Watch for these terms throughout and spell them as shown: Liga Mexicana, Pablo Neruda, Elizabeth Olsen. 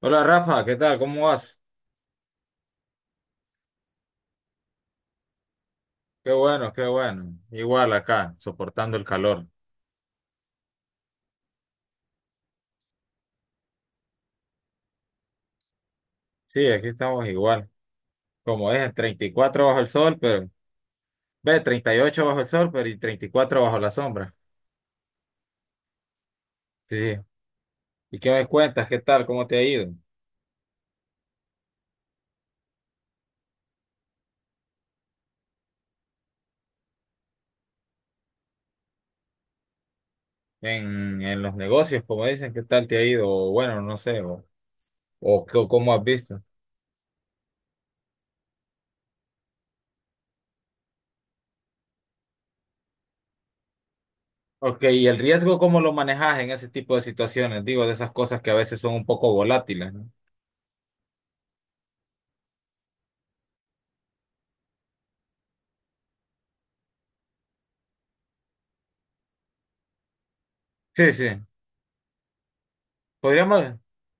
Hola Rafa, ¿qué tal? ¿Cómo vas? Qué bueno, qué bueno. Igual acá, soportando el calor. Sí, aquí estamos igual. Como es, en cuatro bajo el sol, pero ...ve, 38 bajo el sol, pero y 34 bajo la sombra. Sí. ¿Y qué me cuentas? ¿Qué tal? ¿Cómo te ha ido? En los negocios, como dicen, ¿qué tal te ha ido? O bueno, no sé, o cómo has visto. Ok, ¿y el riesgo cómo lo manejas en ese tipo de situaciones? Digo, de esas cosas que a veces son un poco volátiles, ¿no? Sí, sí. Podríamos,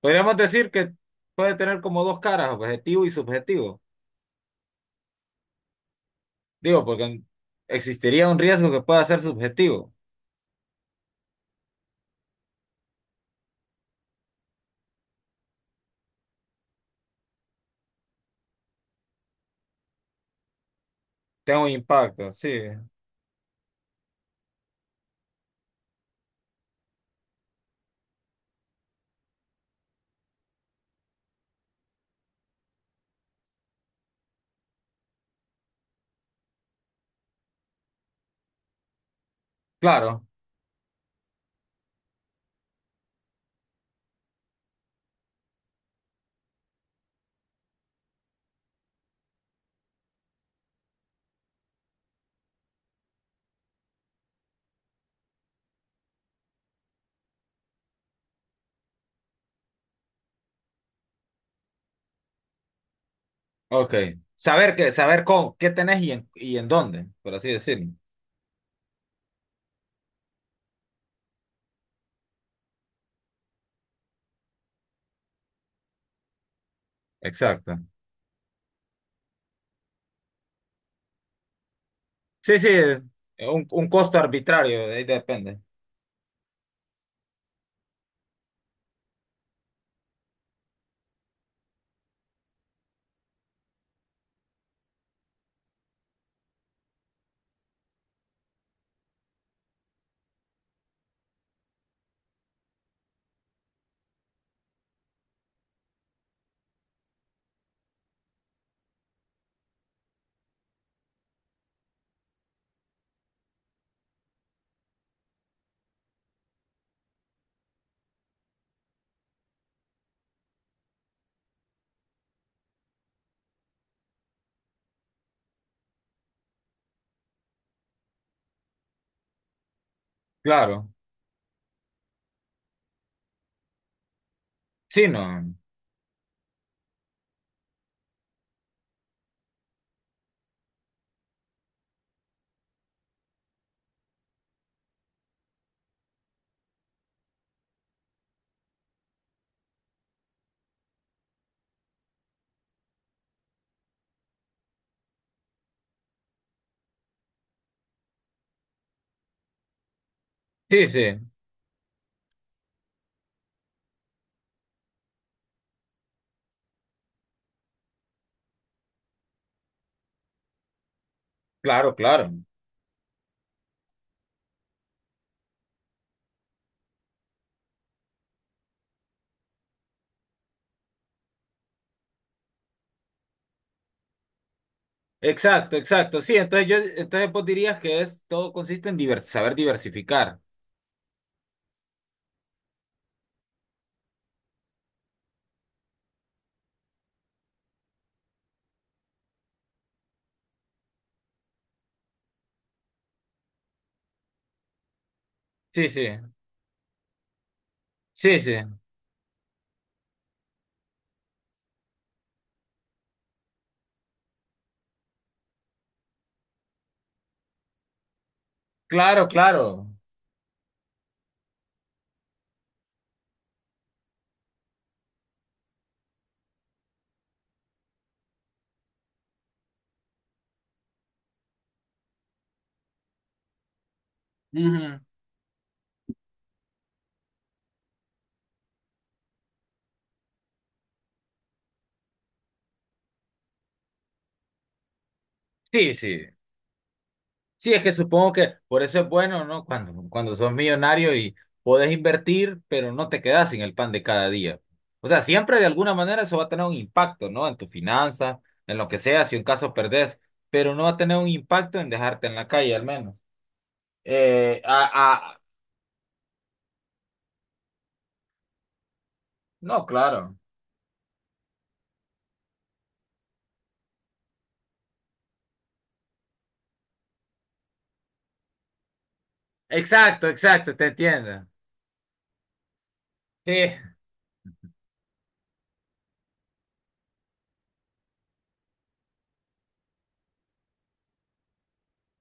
podríamos decir que puede tener como dos caras, objetivo y subjetivo. Digo, porque existiría un riesgo que pueda ser subjetivo. Tenga un impacto, sí. Claro, ok. Saber qué, saber cómo, qué tenés y en dónde, por así decirlo. Exacto. Sí, sí, un costo arbitrario, de ahí depende. Claro. Sí, no. Sí, sí. Claro, claro. Exacto, exacto. Sí, entonces vos dirías que es, todo consiste en saber diversificar. Sí, sí. Sí, sí, claro, claro. Ujú. Sí, sí. Sí, es que supongo que por eso es bueno, ¿no? Cuando, cuando sos millonario y podés invertir, pero no te quedás sin el pan de cada día. O sea, siempre de alguna manera eso va a tener un impacto, ¿no? En tu finanza, en lo que sea, si un caso perdés, pero no va a tener un impacto en dejarte en la calle, al menos. Eh, a, a- no, claro. Exacto, exacto, te entiendo. Sí.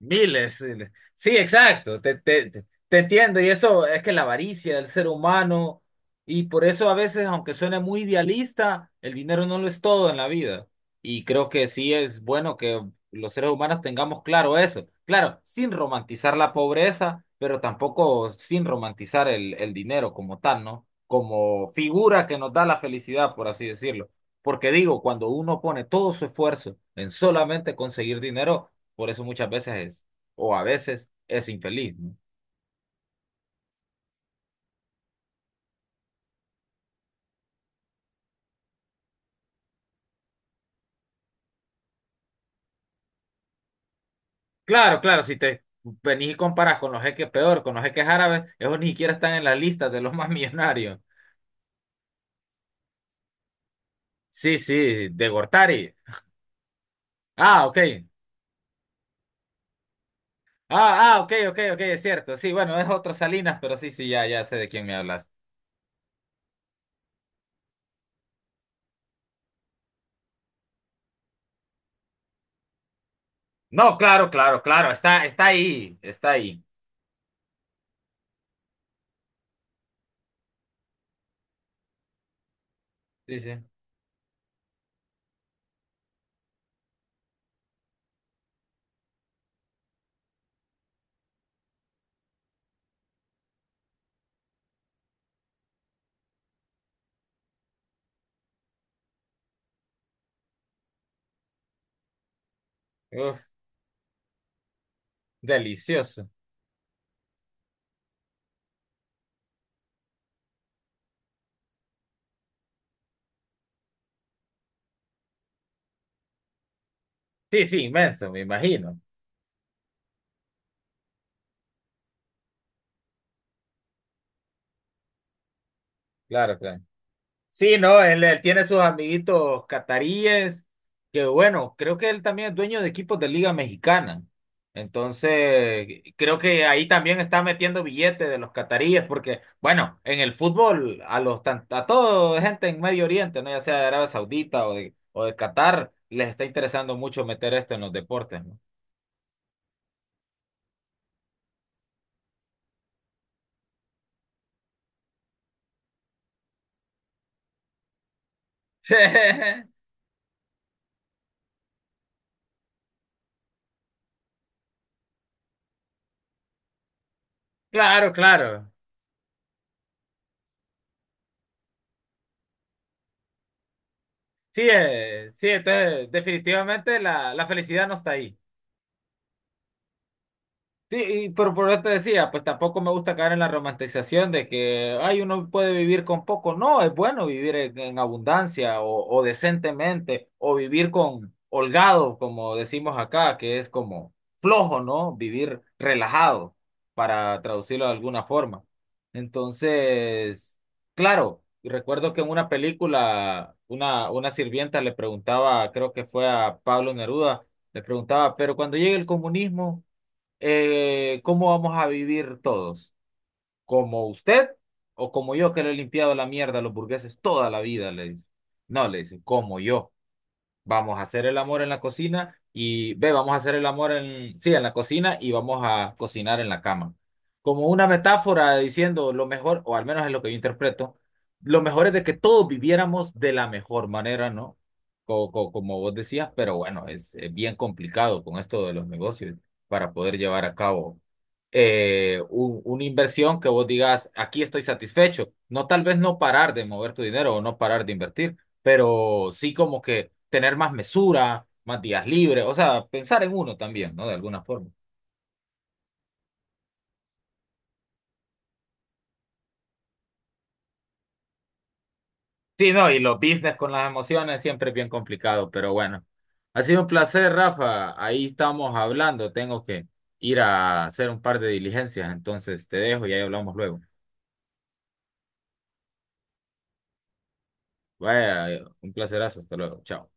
Miles, miles. Sí, exacto, te entiendo. Y eso es que la avaricia del ser humano, y por eso a veces, aunque suene muy idealista, el dinero no lo es todo en la vida. Y creo que sí es bueno que los seres humanos tengamos claro eso. Claro, sin romantizar la pobreza, pero tampoco sin romantizar el dinero como tal, ¿no? Como figura que nos da la felicidad, por así decirlo. Porque digo, cuando uno pone todo su esfuerzo en solamente conseguir dinero, por eso muchas veces es, o a veces es infeliz, ¿no? Claro, claro, si te venís y comparas con los jeques peor, con los jeques árabes, esos ni siquiera están en la lista de los más millonarios. Sí, sí, de Gortari. Ah, ok. Ah, ah, ok, ok, ok, es cierto. Sí, bueno, es otro Salinas, pero sí, sí, ya, ya sé de quién me hablas. No, claro, claro, claro, está, está ahí, está ahí. Sí, sí. Uf, delicioso. Sí, sí, inmenso, me imagino. Claro, claro. Sí, no, él tiene sus amiguitos cataríes, que bueno, creo que él también es dueño de equipos de Liga Mexicana. Entonces, creo que ahí también está metiendo billetes de los cataríes, porque bueno, en el fútbol, a toda gente en Medio Oriente, ¿no? Ya sea de Arabia Saudita o de Qatar, les está interesando mucho meter esto en los deportes, ¿no? Claro, claro. Sí, sí, entonces definitivamente la felicidad no está ahí. Sí, y pero por eso te decía, pues tampoco me gusta caer en la romantización de que, ay, uno puede vivir con poco. No, es bueno vivir en abundancia o decentemente, o vivir con holgado, como decimos acá, que es como flojo, ¿no? Vivir relajado, para traducirlo de alguna forma. Entonces, claro, y recuerdo que en una película, una sirvienta le preguntaba, creo que fue a Pablo Neruda, le preguntaba, pero cuando llegue el comunismo ¿cómo vamos a vivir todos? ¿Como usted o como yo que le he limpiado la mierda a los burgueses toda la vida? Le dice. No, le dice, como yo. Vamos a hacer el amor en la cocina y ve, vamos a hacer el amor en, sí, en la cocina y vamos a cocinar en la cama. Como una metáfora diciendo lo mejor, o al menos es lo que yo interpreto, lo mejor es de que todos viviéramos de la mejor manera, ¿no? Como vos decías, pero bueno, es bien complicado con esto de los negocios para poder llevar a cabo una inversión que vos digas, aquí estoy satisfecho. No tal vez no parar de mover tu dinero o no parar de invertir, pero sí como que tener más mesura, más días libres, o sea, pensar en uno también, ¿no? De alguna forma. Sí, no, y los business con las emociones siempre es bien complicado, pero bueno. Ha sido un placer, Rafa. Ahí estamos hablando. Tengo que ir a hacer un par de diligencias, entonces te dejo y ahí hablamos luego. Vaya, un placerazo. Hasta luego. Chao.